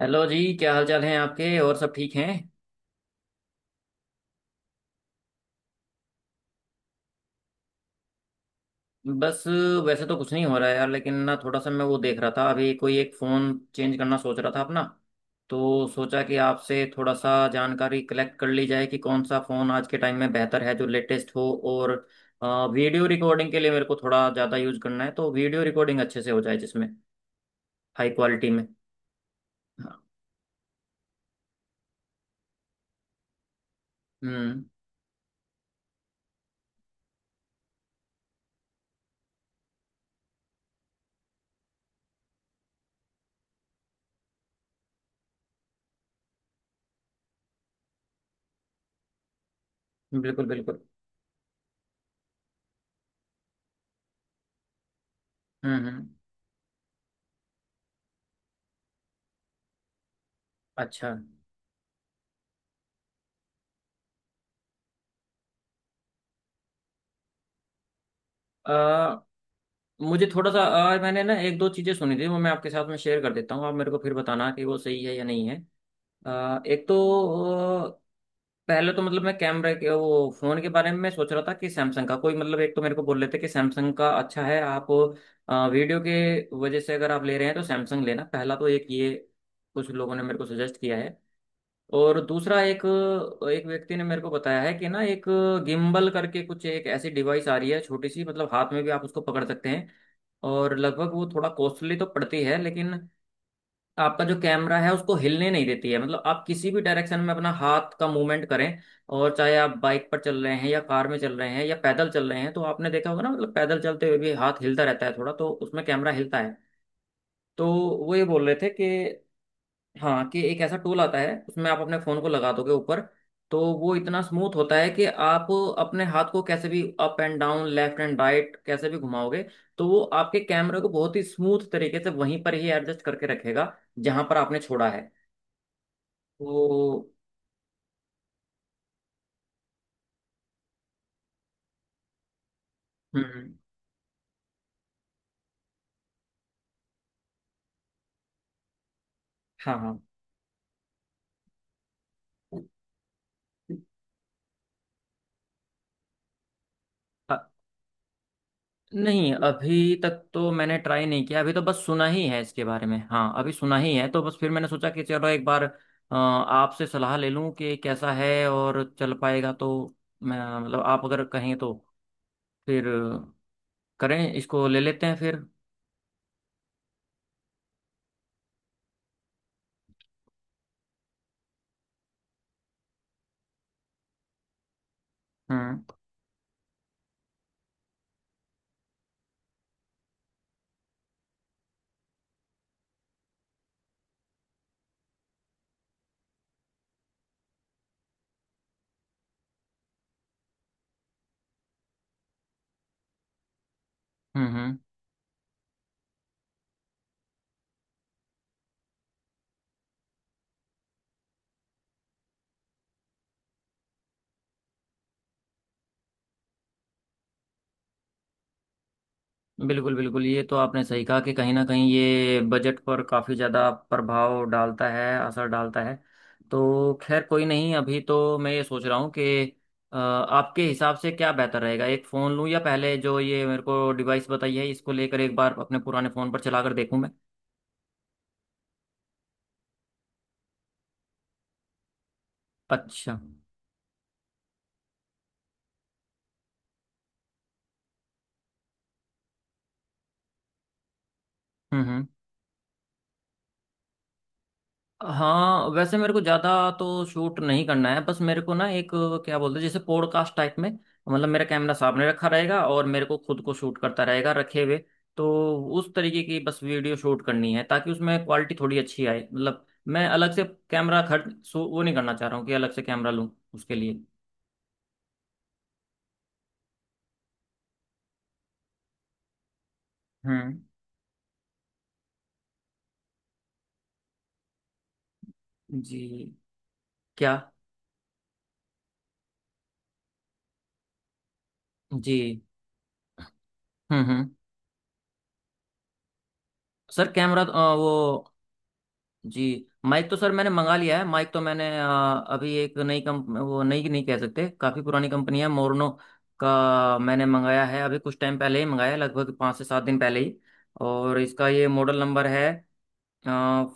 Hello जी, क्या हाल चाल हैं आपके? और सब ठीक हैं? बस वैसे तो कुछ नहीं हो रहा है यार, लेकिन ना थोड़ा सा मैं वो देख रहा था अभी, कोई एक फ़ोन चेंज करना सोच रहा था अपना। तो सोचा कि आपसे थोड़ा सा जानकारी कलेक्ट कर ली जाए कि कौन सा फ़ोन आज के टाइम में बेहतर है जो लेटेस्ट हो, और वीडियो रिकॉर्डिंग के लिए मेरे को थोड़ा ज़्यादा यूज़ करना है, तो वीडियो रिकॉर्डिंग अच्छे से हो जाए जिसमें, हाई क्वालिटी में। हाँ। हम्म। बिल्कुल बिल्कुल। हम्म। अच्छा, मुझे थोड़ा सा मैंने ना एक दो चीजें सुनी थी, वो मैं आपके साथ में शेयर कर देता हूँ, आप मेरे को फिर बताना कि वो सही है या नहीं है। आ, एक तो अ, पहले तो मतलब मैं कैमरे के वो फोन के बारे में मैं सोच रहा था कि सैमसंग का कोई, मतलब एक तो मेरे को बोल रहे थे कि सैमसंग का अच्छा है, आप वीडियो के वजह से अगर आप ले रहे हैं तो सैमसंग लेना, पहला तो एक ये कुछ लोगों ने मेरे को सजेस्ट किया है। और दूसरा, एक एक व्यक्ति ने मेरे को बताया है कि ना एक गिम्बल करके कुछ, एक ऐसी डिवाइस आ रही है छोटी सी, मतलब हाथ में भी आप उसको पकड़ सकते हैं, और लगभग वो थोड़ा कॉस्टली तो पड़ती है, लेकिन आपका जो कैमरा है उसको हिलने नहीं देती है। मतलब आप किसी भी डायरेक्शन में अपना हाथ का मूवमेंट करें, और चाहे आप बाइक पर चल रहे हैं, या कार में चल रहे हैं, या पैदल चल रहे हैं, तो आपने देखा होगा ना, मतलब पैदल चलते हुए भी हाथ हिलता रहता है थोड़ा, तो उसमें कैमरा हिलता है। तो वो ये बोल रहे थे कि, हाँ, कि एक ऐसा टूल आता है उसमें आप अपने फोन को लगा दोगे ऊपर, तो वो इतना स्मूथ होता है कि आप अपने हाथ को कैसे भी up and down, left and right, कैसे भी घुमाओगे, तो वो आपके कैमरे को बहुत ही स्मूथ तरीके से वहीं पर ही एडजस्ट करके रखेगा, जहां पर आपने छोड़ा है। तो, हम्म। हाँ हाँ, नहीं अभी तक तो मैंने ट्राई नहीं किया, अभी तो बस सुना ही है इसके बारे में। हाँ अभी सुना ही है, तो बस फिर मैंने सोचा कि चलो एक बार आपसे सलाह ले लूं कि कैसा है, और चल पाएगा तो मैं, मतलब आप अगर कहें तो फिर करें, इसको ले लेते हैं फिर। हम्म हम्म हम्म। बिल्कुल बिल्कुल, ये तो आपने सही कहा कि कहीं ना कहीं ये बजट पर काफ़ी ज़्यादा प्रभाव डालता है, असर डालता है। तो खैर कोई नहीं, अभी तो मैं ये सोच रहा हूँ कि आपके हिसाब से क्या बेहतर रहेगा, एक फ़ोन लूँ, या पहले जो ये मेरे को डिवाइस बताई है इसको लेकर एक बार अपने पुराने फ़ोन पर चला कर देखूँ मैं। अच्छा। हम्म। हाँ, वैसे मेरे को ज़्यादा तो शूट नहीं करना है, बस मेरे को ना एक, क्या बोलते हैं, जैसे पॉडकास्ट टाइप में, मतलब मेरा कैमरा सामने रखा रहेगा और मेरे को खुद को शूट करता रहेगा रखे हुए। तो उस तरीके की बस वीडियो शूट करनी है ताकि उसमें क्वालिटी थोड़ी अच्छी आए। मतलब मैं अलग से कैमरा खर्च वो नहीं करना चाह रहा हूँ कि अलग से कैमरा लूँ उसके लिए। हम्म। जी। क्या? जी। हम्म। सर कैमरा वो। जी। माइक तो सर मैंने मंगा लिया है, माइक तो मैंने अभी एक नई कंप वो नई नहीं कह सकते, काफ़ी पुरानी कंपनी है, मोरनो का मैंने मंगाया है, अभी कुछ टाइम पहले ही मंगाया, लगभग 5 से 7 दिन पहले ही। और इसका ये मॉडल नंबर है,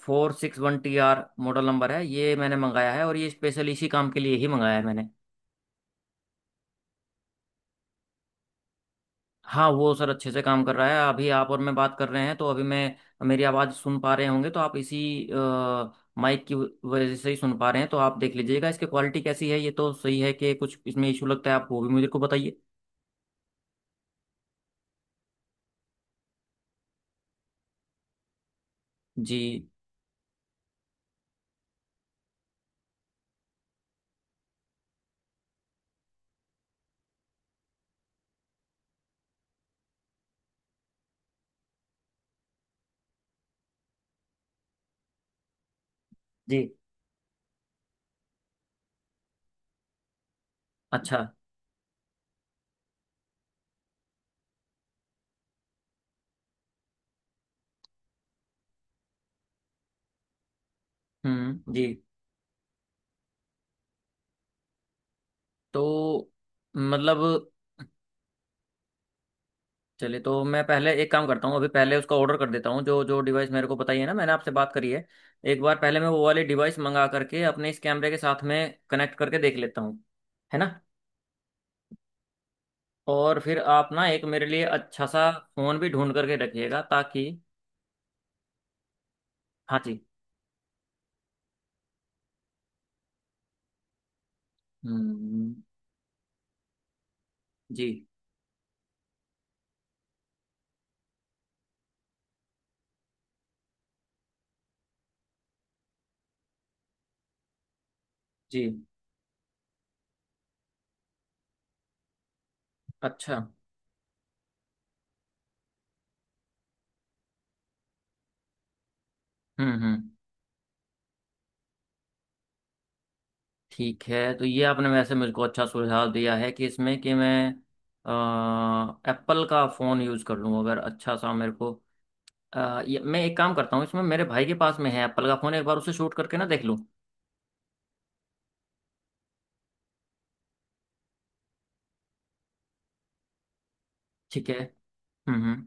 461TR मॉडल नंबर है, ये मैंने मंगाया है, और ये स्पेशल इसी काम के लिए ही मंगाया है मैंने। हाँ वो सर अच्छे से काम कर रहा है, अभी आप और मैं बात कर रहे हैं तो अभी मैं, मेरी आवाज़ सुन पा रहे होंगे, तो आप इसी माइक की वजह से ही सुन पा रहे हैं, तो आप देख लीजिएगा इसकी क्वालिटी कैसी है, ये तो सही है, कि कुछ इसमें इशू लगता है आप वो भी मुझे को बताइए। जी जी। अच्छा। जी। तो, मतलब, चलिए तो मैं पहले एक काम करता हूँ, अभी पहले उसका ऑर्डर कर देता हूँ, जो जो डिवाइस मेरे को बताइए ना मैंने आपसे बात करी है, एक बार पहले मैं वो वाली डिवाइस मंगा करके अपने इस कैमरे के साथ में कनेक्ट करके देख लेता हूँ, है ना? और फिर आप ना एक मेरे लिए अच्छा सा फोन भी ढूंढ करके रखिएगा, ताकि। हाँ जी। हम्म। जी जी। अच्छा। हम्म। ठीक है, तो ये आपने वैसे मुझको अच्छा सुझाव दिया है कि, इसमें कि मैं एप्पल का फ़ोन यूज़ कर लूँ अगर अच्छा सा मेरे को। मैं एक काम करता हूँ, इसमें मेरे भाई के पास में है एप्पल का फ़ोन, एक बार उसे शूट करके ना देख लूँ। ठीक है। हम्म हम्म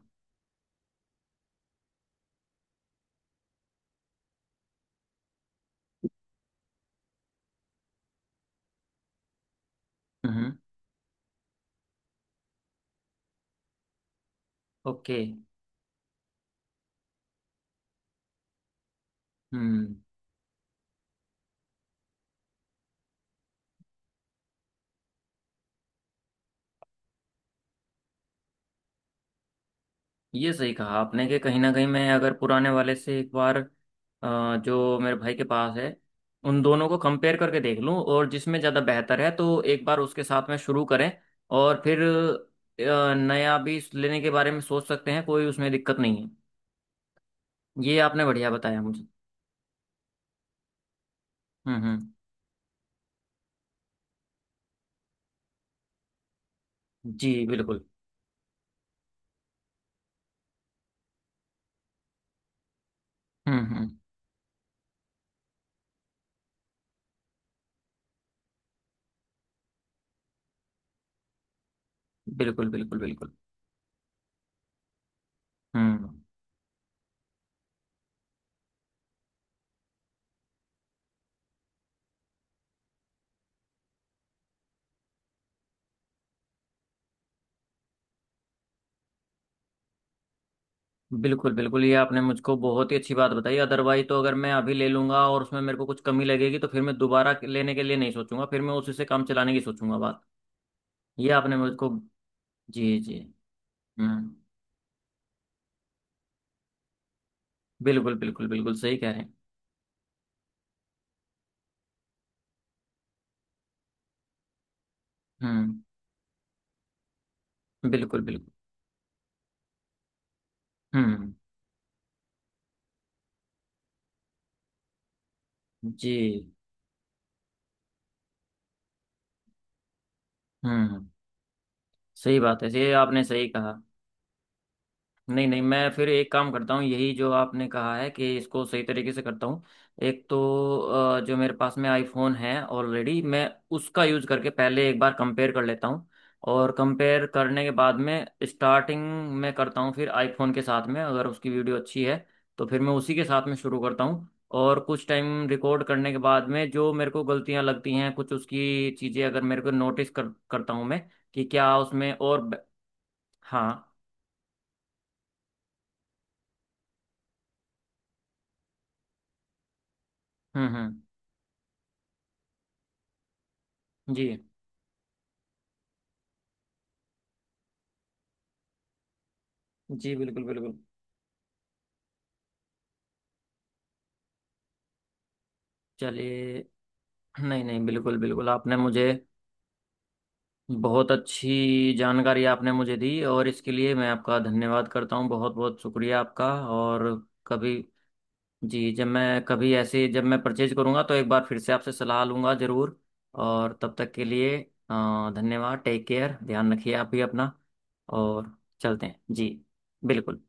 हम्म। ओके। हम्म। Okay, ये सही कहा आपने कि कहीं ना कहीं मैं अगर पुराने वाले से एक बार, जो मेरे भाई के पास है, उन दोनों को कंपेयर करके देख लूं, और जिसमें ज़्यादा बेहतर है तो एक बार उसके साथ में शुरू करें, और फिर नया भी लेने के बारे में सोच सकते हैं, कोई उसमें दिक्कत नहीं है। ये आपने बढ़िया बताया मुझे। हम्म। जी बिल्कुल। हम्म। बिल्कुल बिल्कुल बिल्कुल। हम्म। बिल्कुल बिल्कुल, ये आपने मुझको बहुत ही अच्छी बात बताई, अदरवाइज तो अगर मैं अभी ले लूंगा और उसमें मेरे को कुछ कमी लगेगी तो फिर मैं दोबारा लेने के लिए नहीं सोचूंगा, फिर मैं उसी से काम चलाने की सोचूंगा बात। ये आपने मुझको। जी जी। हम्म। बिल्कुल बिल्कुल बिल्कुल, सही कह रहे हैं। हम्म। बिल्कुल बिल्कुल। हम्म। जी। हम्म। सही बात है, ये आपने सही कहा। नहीं नहीं, मैं फिर एक काम करता हूँ, यही जो आपने कहा है कि इसको सही तरीके से करता हूँ। एक तो जो मेरे पास में आईफोन है ऑलरेडी, मैं उसका यूज़ करके पहले एक बार कंपेयर कर लेता हूँ। और कंपेयर करने के बाद में, स्टार्टिंग में करता हूँ फिर आईफोन के साथ में, अगर उसकी वीडियो अच्छी है तो फिर मैं उसी के साथ में शुरू करता हूँ। और कुछ टाइम रिकॉर्ड करने के बाद में जो मेरे को गलतियाँ लगती हैं, कुछ उसकी चीज़ें अगर मेरे को नोटिस कर करता हूँ मैं, कि क्या उसमें और हाँ। हम्म। जी जी। बिल्कुल बिल्कुल। चलिए, नहीं नहीं, बिल्कुल बिल्कुल, आपने मुझे बहुत अच्छी जानकारी, आपने मुझे दी, और इसके लिए मैं आपका धन्यवाद करता हूँ, बहुत बहुत शुक्रिया आपका। और कभी, जी, जब मैं कभी ऐसे जब मैं परचेज करूँगा तो एक बार फिर से आपसे सलाह लूँगा ज़रूर। और तब तक के लिए, धन्यवाद, टेक केयर, ध्यान रखिए आप भी अपना, और चलते हैं जी। बिल्कुल।